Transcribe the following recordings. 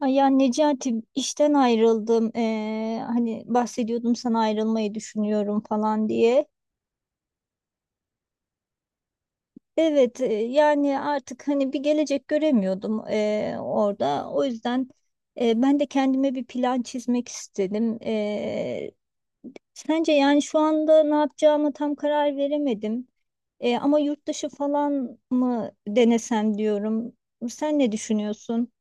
Ay ya Necati işten ayrıldım. Hani bahsediyordum sana ayrılmayı düşünüyorum falan diye. Evet, yani artık hani bir gelecek göremiyordum orada. O yüzden ben de kendime bir plan çizmek istedim. Sence yani şu anda ne yapacağımı tam karar veremedim. Ama yurt dışı falan mı denesem diyorum. Sen ne düşünüyorsun?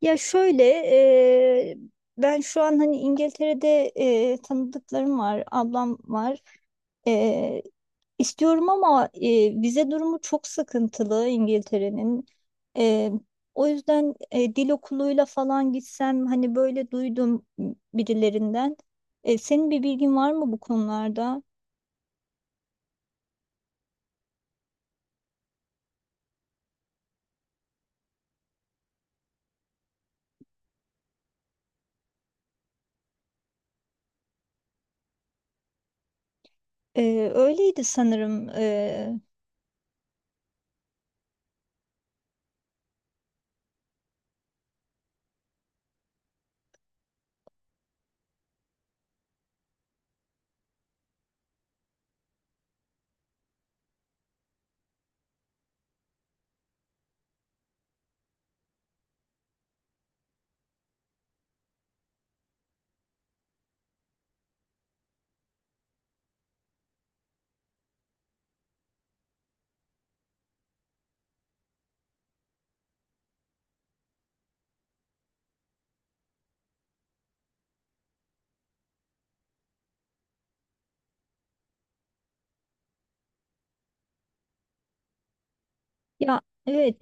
Ya şöyle, e, ben şu an hani İngiltere'de tanıdıklarım var, ablam var. E, istiyorum ama vize durumu çok sıkıntılı İngiltere'nin. E, O yüzden dil okuluyla falan gitsem hani böyle duydum birilerinden. Senin bir bilgin var mı bu konularda? Öyleydi sanırım. Ya evet.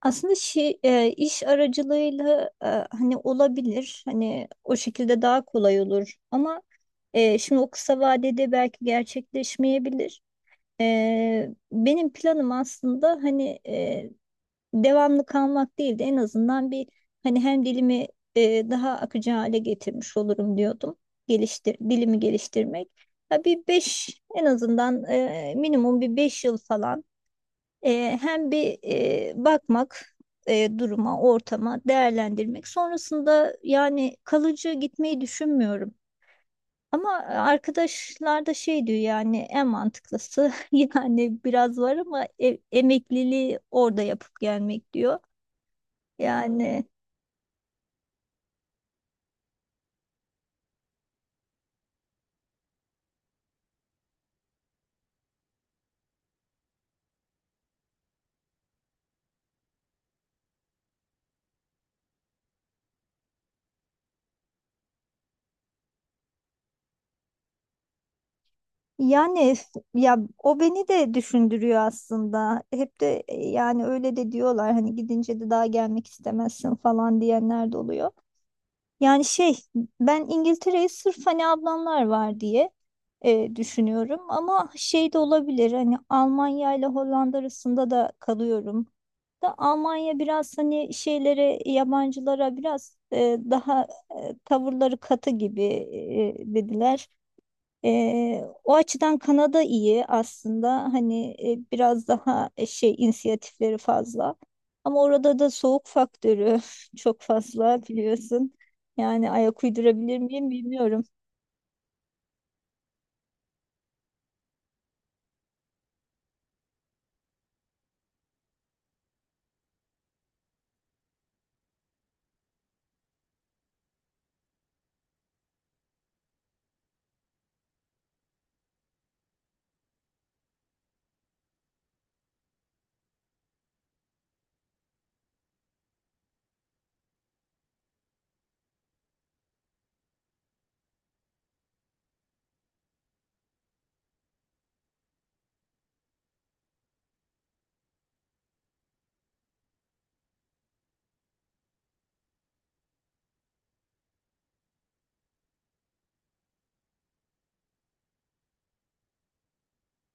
Aslında iş aracılığıyla hani olabilir. Hani o şekilde daha kolay olur. Ama şimdi o kısa vadede belki gerçekleşmeyebilir. Benim planım aslında hani devamlı kalmak değil de en azından bir hani hem dilimi daha akıcı hale getirmiş olurum diyordum. Dilimi geliştirmek. Ya bir beş en azından, minimum bir 5 yıl falan. Hem bir bakmak duruma, ortama, değerlendirmek. Sonrasında yani kalıcı gitmeyi düşünmüyorum. Ama arkadaşlar da şey diyor yani en mantıklısı, yani biraz var ama emekliliği orada yapıp gelmek diyor. Yani yani ya o beni de düşündürüyor aslında. Hep de yani öyle de diyorlar hani gidince de daha gelmek istemezsin falan diyenler de oluyor. Yani şey, ben İngiltere'yi sırf hani ablamlar var diye düşünüyorum ama şey de olabilir, hani Almanya ile Hollanda arasında da kalıyorum. Da Almanya biraz hani şeylere, yabancılara biraz daha tavırları katı gibi dediler. O açıdan Kanada iyi aslında hani biraz daha şey, inisiyatifleri fazla ama orada da soğuk faktörü çok fazla biliyorsun, yani ayak uydurabilir miyim bilmiyorum.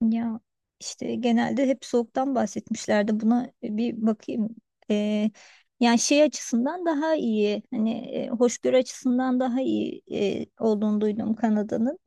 Ya işte genelde hep soğuktan bahsetmişlerdi, buna bir bakayım. Ee, Yani şey açısından daha iyi, hani hoşgörü açısından daha iyi olduğunu duydum Kanada'nın.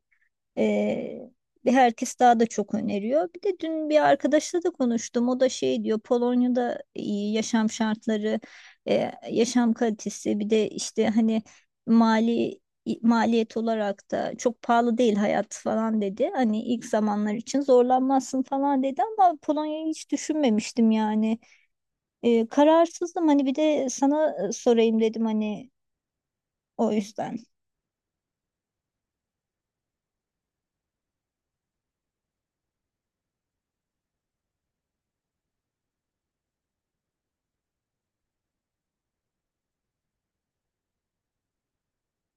Ee, Bir herkes daha da çok öneriyor. Bir de dün bir arkadaşla da konuştum. O da şey diyor, Polonya'da iyi yaşam şartları, yaşam kalitesi, bir de işte hani mali maliyet olarak da çok pahalı değil hayat falan dedi. Hani ilk zamanlar için zorlanmazsın falan dedi ama Polonya'yı hiç düşünmemiştim yani. Kararsızdım, hani bir de sana sorayım dedim hani, o yüzden.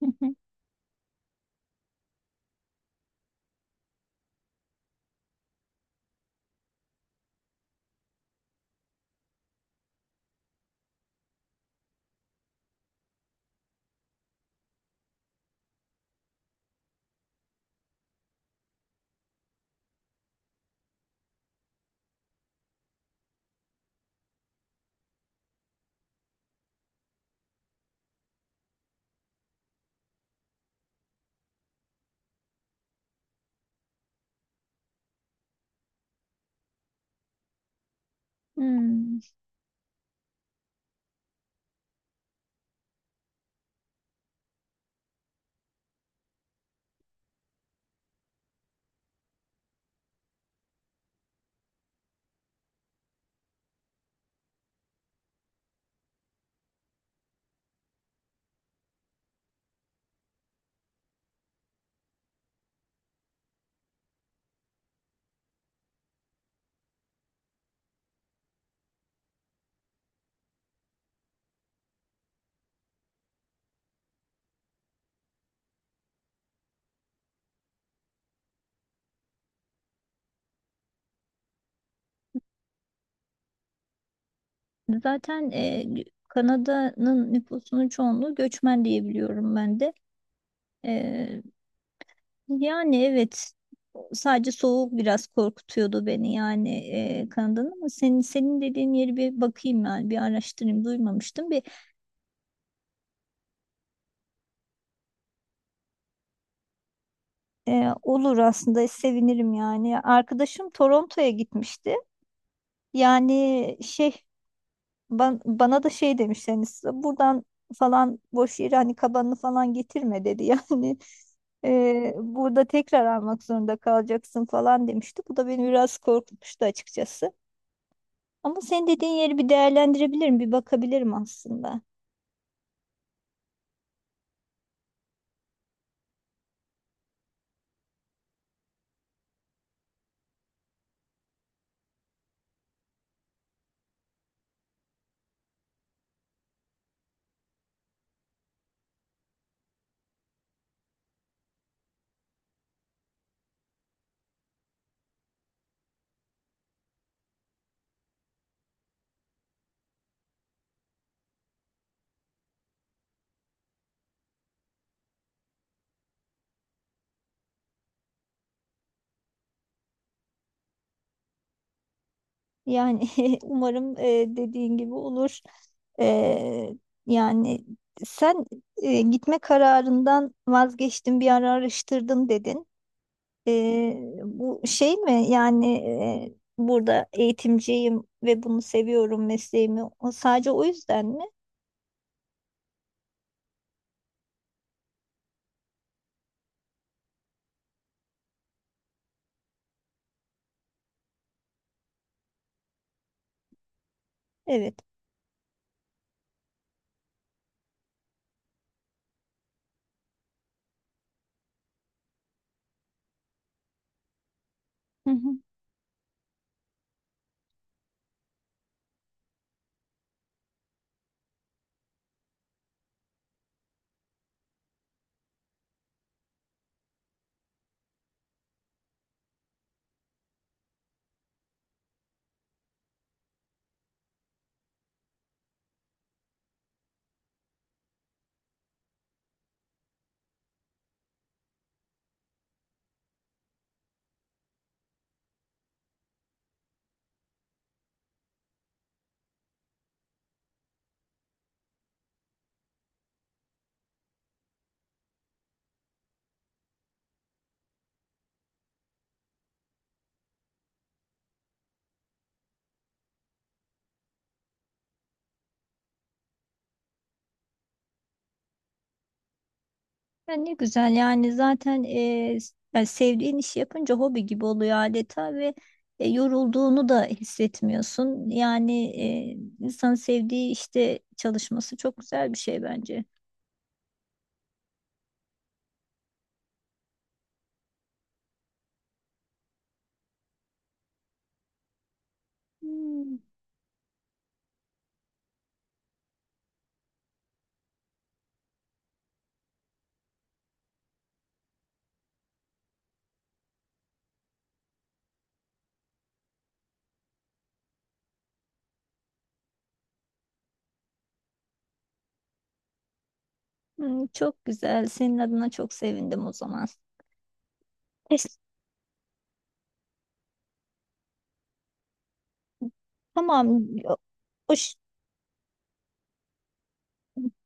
Hmm. Zaten Kanada'nın nüfusunun çoğunluğu göçmen diye biliyorum ben de. E, Yani evet, sadece soğuk biraz korkutuyordu beni yani, Kanada'nın, ama senin dediğin yeri bir bakayım yani, bir araştırayım, duymamıştım. Bir olur aslında, sevinirim yani. Arkadaşım Toronto'ya gitmişti. Yani şey, bana da şey demişler yani, size buradan falan boş yere hani kabanını falan getirme dedi. Yani burada tekrar almak zorunda kalacaksın falan demişti. Bu da beni biraz korkutmuştu açıkçası. Ama senin dediğin yeri bir değerlendirebilirim, bir bakabilirim aslında. Yani umarım dediğin gibi olur. Ee, Yani sen gitme kararından vazgeçtin, bir ara araştırdın dedin. Ee, Bu şey mi yani, burada eğitimciyim ve bunu seviyorum mesleğimi. Sadece o yüzden mi? Evet. Hı hı. Ya ne güzel yani, zaten yani sevdiğin işi yapınca hobi gibi oluyor adeta ve yorulduğunu da hissetmiyorsun. Yani insanın sevdiği işte çalışması çok güzel bir şey bence. Hmm. Hmm. Çok güzel. Senin adına çok sevindim o zaman. Teş- Tamam. o- o ş-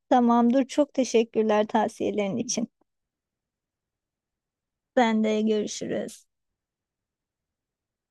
Tamam, dur. Çok teşekkürler tavsiyelerin için. Ben de görüşürüz.